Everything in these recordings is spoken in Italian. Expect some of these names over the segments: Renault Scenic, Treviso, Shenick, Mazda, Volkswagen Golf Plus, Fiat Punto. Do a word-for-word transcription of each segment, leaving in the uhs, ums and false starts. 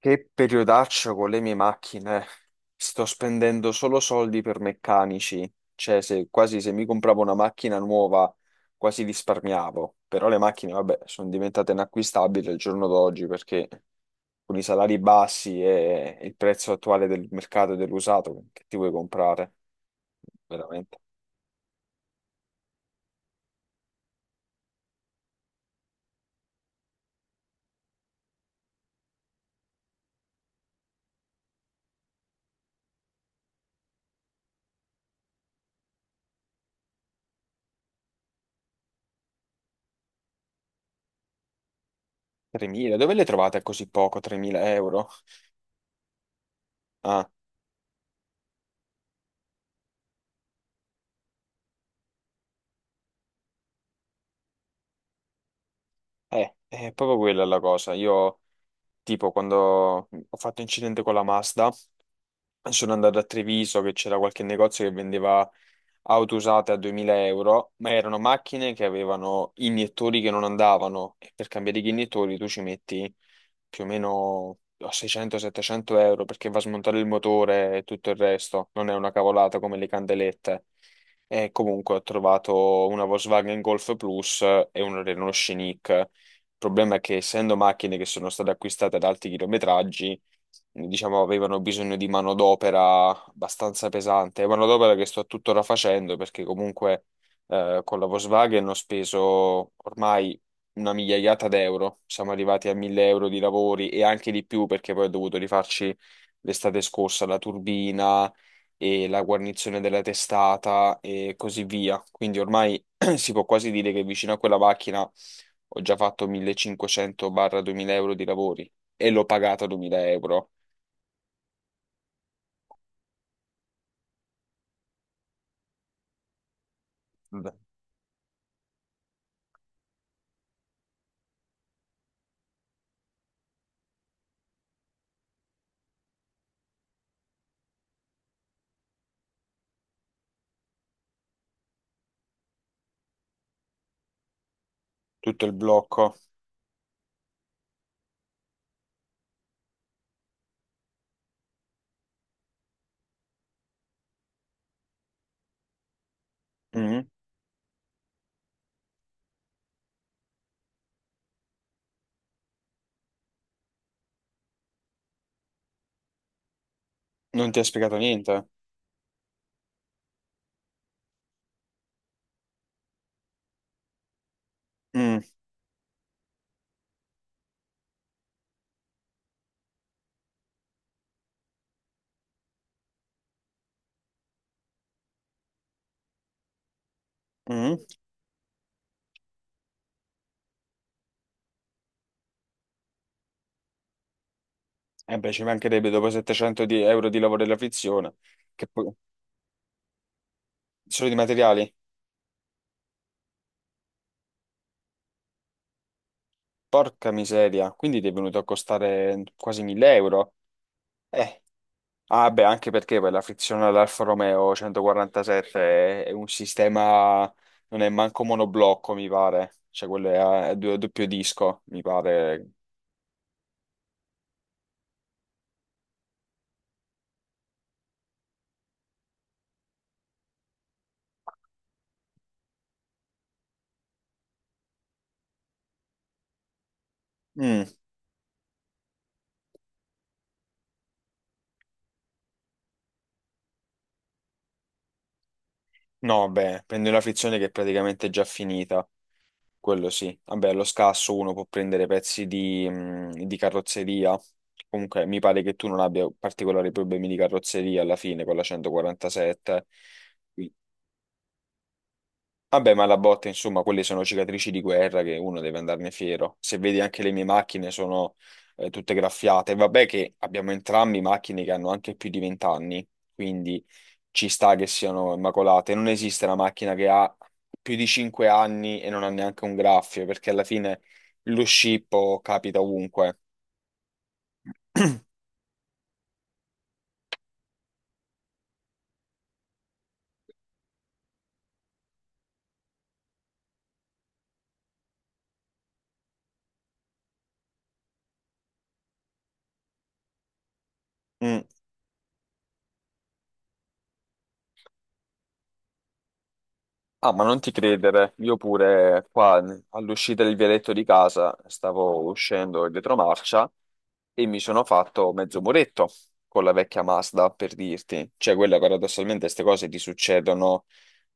Che periodaccio con le mie macchine. Sto spendendo solo soldi per meccanici. Cioè, se, quasi se mi compravo una macchina nuova, quasi risparmiavo. Però le macchine, vabbè, sono diventate inacquistabili al giorno d'oggi perché con i salari bassi e il prezzo attuale del mercato dell'usato, che ti vuoi comprare? Veramente. tremila, dove le trovate a così poco? tremila euro? Ah, eh, è proprio quella la cosa. Io, tipo, quando ho fatto incidente con la Mazda. Sono andato a Treviso che c'era qualche negozio che vendeva auto usate a duemila euro, ma erano macchine che avevano iniettori che non andavano e per cambiare gli iniettori tu ci metti più o meno a seicento-settecento euro perché va a smontare il motore e tutto il resto, non è una cavolata come le candelette. E comunque ho trovato una Volkswagen Golf Plus e un Renault Scenic. Il problema è che essendo macchine che sono state acquistate ad alti chilometraggi, diciamo, avevano bisogno di manodopera abbastanza pesante, manodopera che sto tuttora facendo perché comunque eh, con la Volkswagen ho speso ormai una migliaiata d'euro. Siamo arrivati a mille euro di lavori e anche di più perché poi ho dovuto rifarci l'estate scorsa la turbina e la guarnizione della testata e così via. Quindi ormai si può quasi dire che vicino a quella macchina ho già fatto millecinquecento-duemila euro di lavori e l'ho pagata duemila euro. Vabbè. Tutto il blocco. Mm? Non ti ha spiegato niente? Mm, mm. E beh, ci mancherebbe dopo settecento di- euro di lavoro della frizione, che poi solo di materiali. Porca miseria, quindi ti è venuto a costare quasi mille euro? Eh, ah beh, anche perché poi la frizione all'Alfa Romeo centoquarantasette è, è un sistema, non è manco monoblocco, mi pare, cioè quello è a, a du- a doppio disco, mi pare. Mm, no, beh, prende una frizione che è praticamente già finita, quello sì. Vabbè, allo scasso uno può prendere pezzi di, mm, di carrozzeria. Comunque, mi pare che tu non abbia particolari problemi di carrozzeria alla fine con la centoquarantasette. Vabbè, ma la botta, insomma, quelle sono cicatrici di guerra che uno deve andarne fiero. Se vedi anche le mie macchine sono eh, tutte graffiate. Vabbè che abbiamo entrambi macchine che hanno anche più di venti anni, quindi ci sta che siano immacolate. Non esiste una macchina che ha più di cinque anni e non ha neanche un graffio, perché alla fine lo scippo capita ovunque. Mm. Ah, ma non ti credere, io pure qua n- all'uscita del vialetto di casa stavo uscendo in retromarcia e mi sono fatto mezzo muretto con la vecchia Mazda, per dirti. Cioè, quella paradossalmente queste cose ti succedono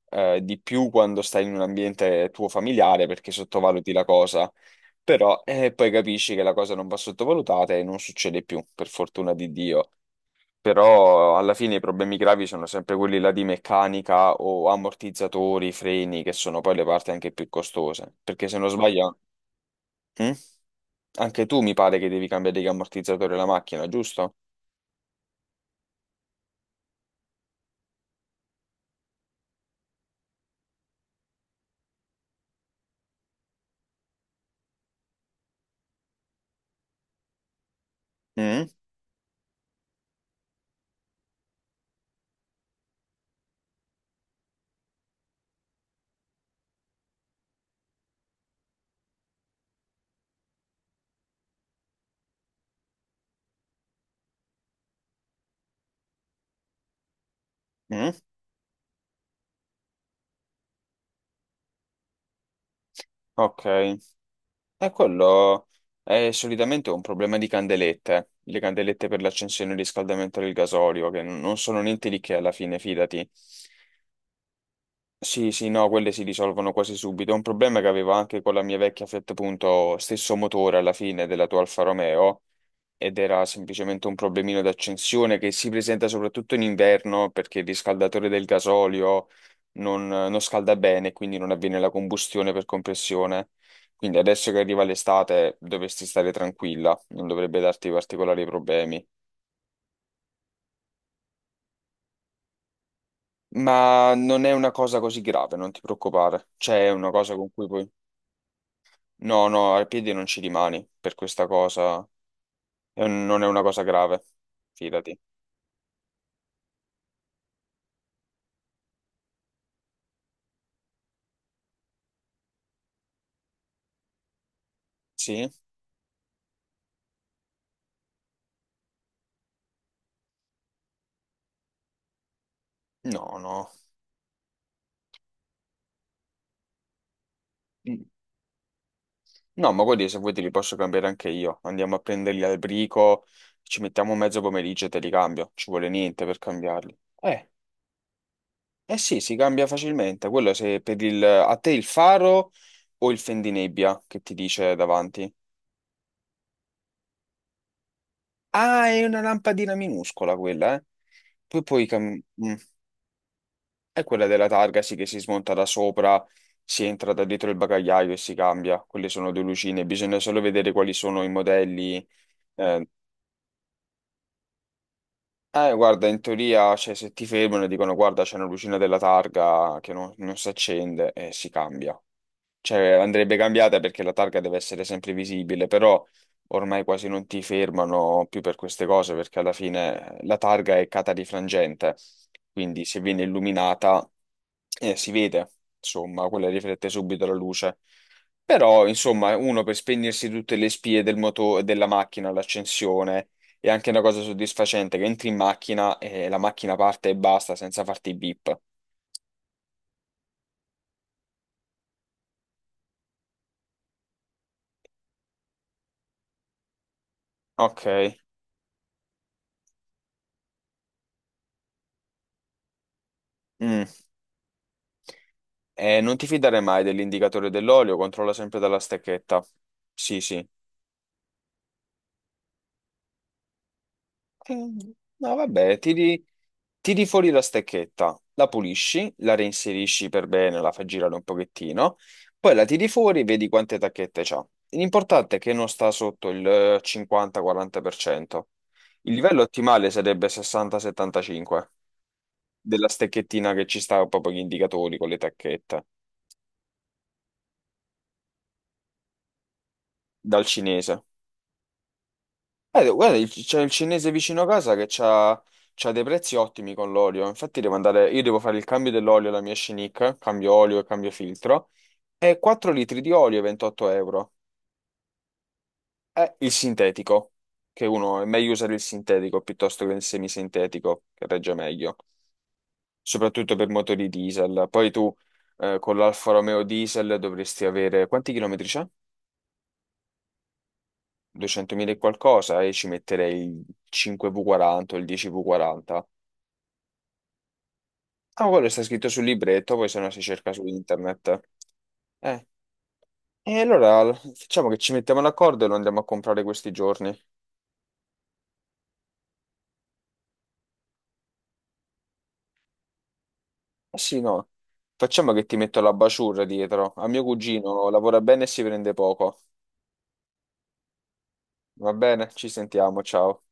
eh, di più quando stai in un ambiente tuo familiare perché sottovaluti la cosa, però eh, poi capisci che la cosa non va sottovalutata e non succede più, per fortuna di Dio. Però alla fine i problemi gravi sono sempre quelli là di meccanica o ammortizzatori, freni, che sono poi le parti anche più costose. Perché se non sbaglio. Mm? Anche tu mi pare che devi cambiare gli ammortizzatori alla macchina, giusto? Mm? Mm? Ok, e quello è solitamente un problema di candelette, le candelette per l'accensione e il riscaldamento del gasolio, che non sono niente di che alla fine, fidati. Sì, sì, no, quelle si risolvono quasi subito. Un problema che avevo anche con la mia vecchia Fiat Punto, stesso motore alla fine della tua Alfa Romeo, ed era semplicemente un problemino d'accensione che si presenta soprattutto in inverno perché il riscaldatore del gasolio non, non scalda bene, quindi non avviene la combustione per compressione. Quindi adesso che arriva l'estate dovresti stare tranquilla, non dovrebbe darti particolari problemi. Ma non è una cosa così grave, non ti preoccupare. C'è una cosa con cui puoi. No, no, ai piedi non ci rimani per questa cosa. È un- non è una cosa grave, fidati. Sì? No, no. Mm. No, ma guardi, se vuoi te li posso cambiare anche io. Andiamo a prenderli al brico, ci mettiamo mezzo pomeriggio e te li cambio. Ci vuole niente per cambiarli. Eh, eh sì, si cambia facilmente. Quello se per il, a te il faro o il fendinebbia che ti dice davanti. Ah, è una lampadina minuscola quella, eh. Poi puoi cambiare. È quella della targa, sì, che si smonta da sopra, si entra da dietro il bagagliaio e si cambia. Quelle sono due lucine, bisogna solo vedere quali sono i modelli. Eh, eh, guarda, in teoria, cioè, se ti fermano e dicono guarda, c'è una lucina della targa che non, non si accende e si cambia. Cioè, andrebbe cambiata perché la targa deve essere sempre visibile, però ormai quasi non ti fermano più per queste cose perché alla fine la targa è catarifrangente, quindi se viene illuminata eh, si vede, insomma, quella riflette subito la luce. Però, insomma, uno per spegnersi tutte le spie del moto- della macchina all'accensione è anche una cosa soddisfacente che entri in macchina e la macchina parte e basta senza farti i beep. Ok. Mm. Eh, non ti fidare mai dell'indicatore dell'olio, controlla sempre dalla stecchetta. Sì, sì. Eh, no, vabbè, tiri, tiri fuori la stecchetta, la pulisci, la reinserisci per bene, la fai girare un pochettino, poi la tiri fuori, vedi quante tacchette c'ha. L'importante è che non sta sotto il eh, cinquanta-quaranta per cento. Il livello ottimale sarebbe sessanta settantacinque della stecchettina che ci sta proprio gli indicatori con le tacchette. Dal cinese. Eh, guarda, il- c'è il cinese vicino a casa che c'ha, c'ha dei prezzi ottimi con l'olio. Infatti devo andare, io devo fare il cambio dell'olio alla mia Shenick, cambio olio e cambio filtro, e quattro litri di olio ventotto euro. È il sintetico, che uno è meglio usare il sintetico piuttosto che il semisintetico, che regge meglio, soprattutto per motori diesel. Poi tu eh, con l'Alfa Romeo diesel dovresti avere, quanti chilometri c'è? duecentomila e qualcosa, e ci metterei il cinque V quaranta o il dieci V quaranta. Ah, quello sta scritto sul libretto, poi se no si cerca su internet. Eh, e allora l- facciamo che ci mettiamo d'accordo e lo andiamo a comprare questi giorni. Eh sì, no. Facciamo che ti metto la basciura dietro. A mio cugino lavora bene e si prende poco. Va bene? Ci sentiamo, ciao.